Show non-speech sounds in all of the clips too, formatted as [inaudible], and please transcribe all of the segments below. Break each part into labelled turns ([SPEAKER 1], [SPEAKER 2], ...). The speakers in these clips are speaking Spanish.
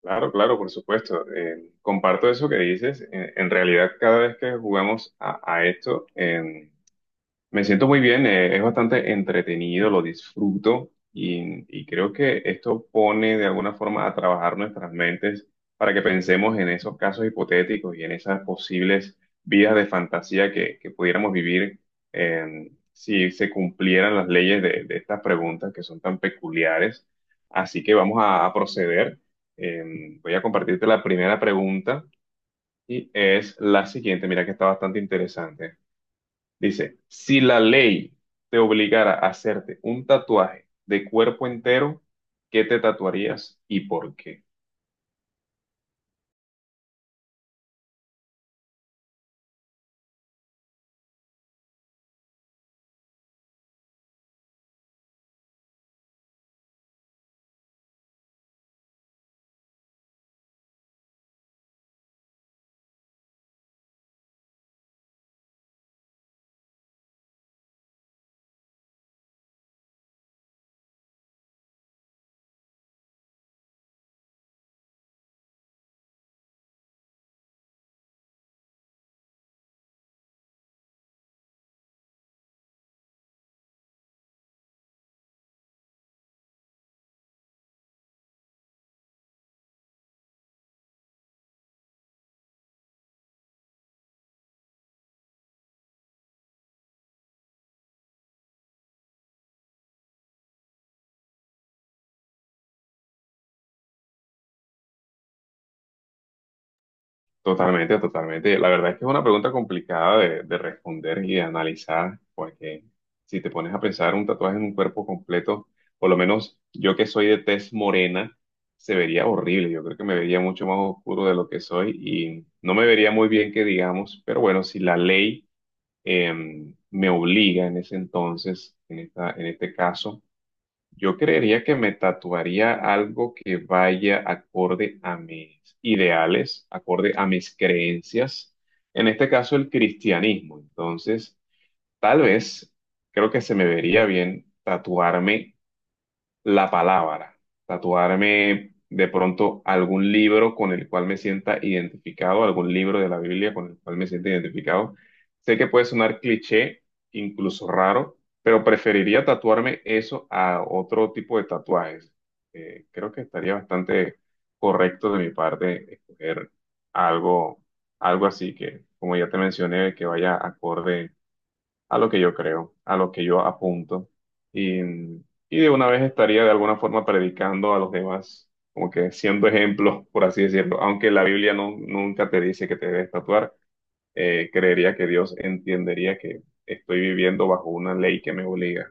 [SPEAKER 1] Claro, claro, por supuesto. Comparto eso que dices. En realidad, cada vez que jugamos a esto, me siento muy bien, es bastante entretenido, lo disfruto y creo que esto pone de alguna forma a trabajar nuestras mentes para que pensemos en esos casos hipotéticos y en esas posibles vidas de fantasía que pudiéramos vivir, si se cumplieran las leyes de estas preguntas que son tan peculiares. Así que vamos a proceder. Voy a compartirte la primera pregunta y es la siguiente, mira que está bastante interesante. Dice, si la ley te obligara a hacerte un tatuaje de cuerpo entero, ¿qué te tatuarías y por qué? Totalmente, totalmente. La verdad es que es una pregunta complicada de responder y de analizar, porque si te pones a pensar un tatuaje en un cuerpo completo, por lo menos yo que soy de tez morena, se vería horrible. Yo creo que me vería mucho más oscuro de lo que soy y no me vería muy bien que digamos, pero bueno, si la ley me obliga en ese entonces, en en este caso, yo creería que me tatuaría algo que vaya acorde a mis ideales, acorde a mis creencias, en este caso el cristianismo. Entonces, tal vez creo que se me vería bien tatuarme la palabra, tatuarme de pronto algún libro con el cual me sienta identificado, algún libro de la Biblia con el cual me sienta identificado. Sé que puede sonar cliché, incluso raro, pero preferiría tatuarme eso a otro tipo de tatuajes. Creo que estaría bastante correcto de mi parte escoger algo, algo así que, como ya te mencioné, que vaya acorde a lo que yo creo, a lo que yo apunto. Y, y de una vez estaría de alguna forma predicando a los demás, como que siendo ejemplo, por así decirlo. Aunque la Biblia no, nunca te dice que te debes tatuar, creería que Dios entendería que estoy viviendo bajo una ley que me obliga.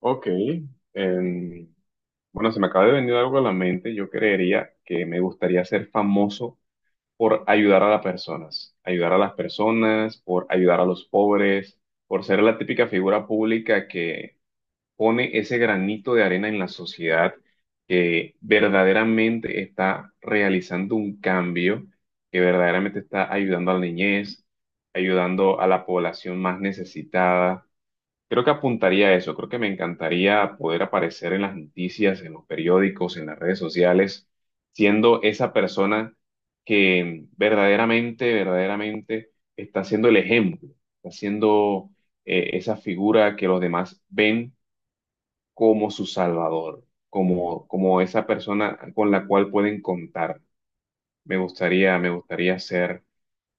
[SPEAKER 1] Ok. em, bueno, se me acaba de venir algo a la mente. Yo creería que me gustaría ser famoso por ayudar a las personas, ayudar a las personas, por ayudar a los pobres, por ser la típica figura pública que pone ese granito de arena en la sociedad, que verdaderamente está realizando un cambio, que verdaderamente está ayudando a la niñez, ayudando a la población más necesitada. Creo que apuntaría a eso, creo que me encantaría poder aparecer en las noticias, en los periódicos, en las redes sociales, siendo esa persona que verdaderamente, verdaderamente está siendo el ejemplo, está siendo esa figura que los demás ven como su salvador, como, como esa persona con la cual pueden contar. Me gustaría ser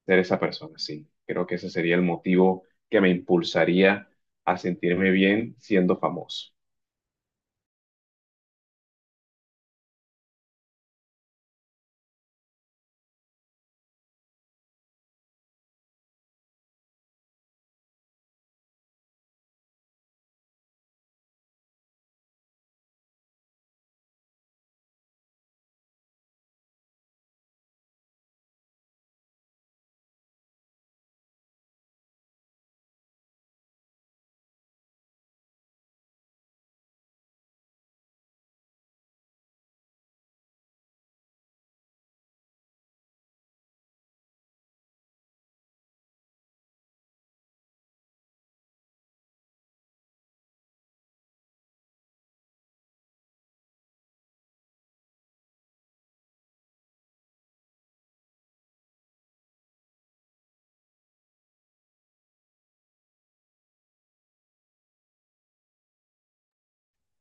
[SPEAKER 1] ser esa persona, sí. Creo que ese sería el motivo que me impulsaría a sentirme bien siendo famoso.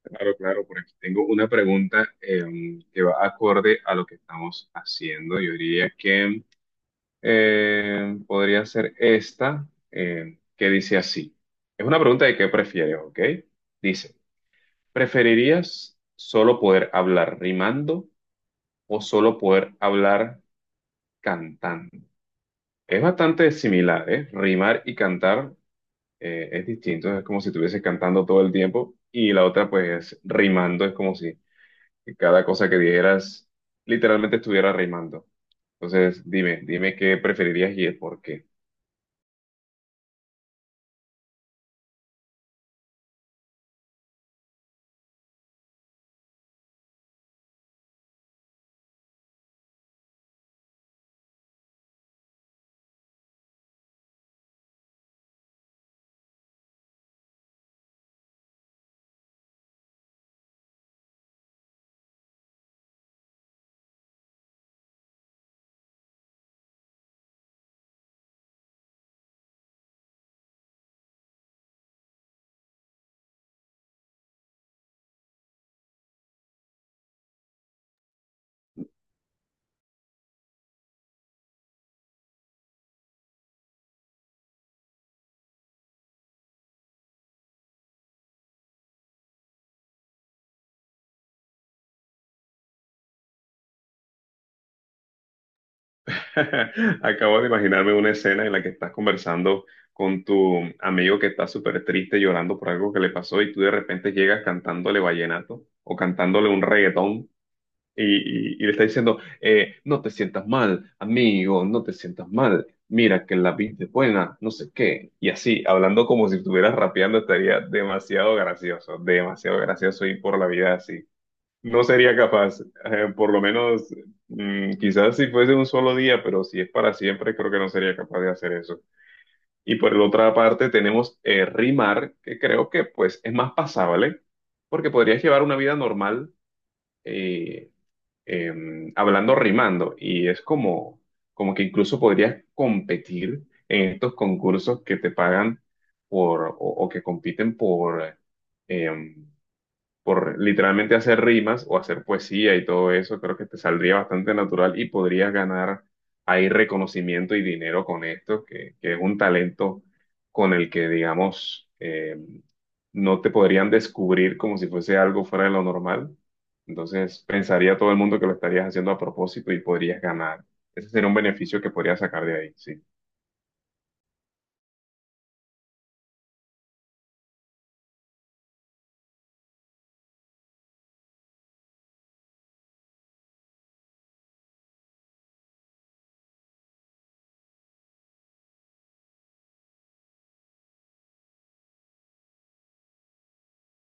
[SPEAKER 1] Claro, claro, por aquí tengo una pregunta, que va acorde a lo que estamos haciendo. Yo diría que podría ser esta, que dice así. Es una pregunta de qué prefieres, ¿ok? Dice, ¿preferirías solo poder hablar rimando o solo poder hablar cantando? Es bastante similar, ¿eh? Rimar y cantar, es distinto, es como si estuvieses cantando todo el tiempo y la otra pues es rimando, es como si cada cosa que dijeras literalmente estuviera rimando. Entonces, dime, dime qué preferirías y el por qué. [laughs] Acabo de imaginarme una escena en la que estás conversando con tu amigo que está súper triste llorando por algo que le pasó y tú de repente llegas cantándole vallenato o cantándole un reggaetón. Y le está diciendo, no te sientas mal, amigo, no te sientas mal, mira que la vida es buena, no sé qué. Y así, hablando como si estuvieras rapeando, estaría demasiado gracioso ir por la vida así. No sería capaz, por lo menos, quizás si fuese un solo día, pero si es para siempre, creo que no sería capaz de hacer eso. Y por la otra parte tenemos, rimar, que creo que pues es más pasable, porque podrías llevar una vida normal. eh, eh, Hablando rimando y es como, como que incluso podrías competir en estos concursos que te pagan por o que compiten eh, por literalmente hacer rimas o hacer poesía y todo eso, creo que te saldría bastante natural y podrías ganar ahí reconocimiento y dinero con esto, que es un talento con el que, digamos, no te podrían descubrir como si fuese algo fuera de lo normal. Entonces, pensaría todo el mundo que lo estarías haciendo a propósito y podrías ganar. Ese sería un beneficio que podrías sacar de ahí, sí.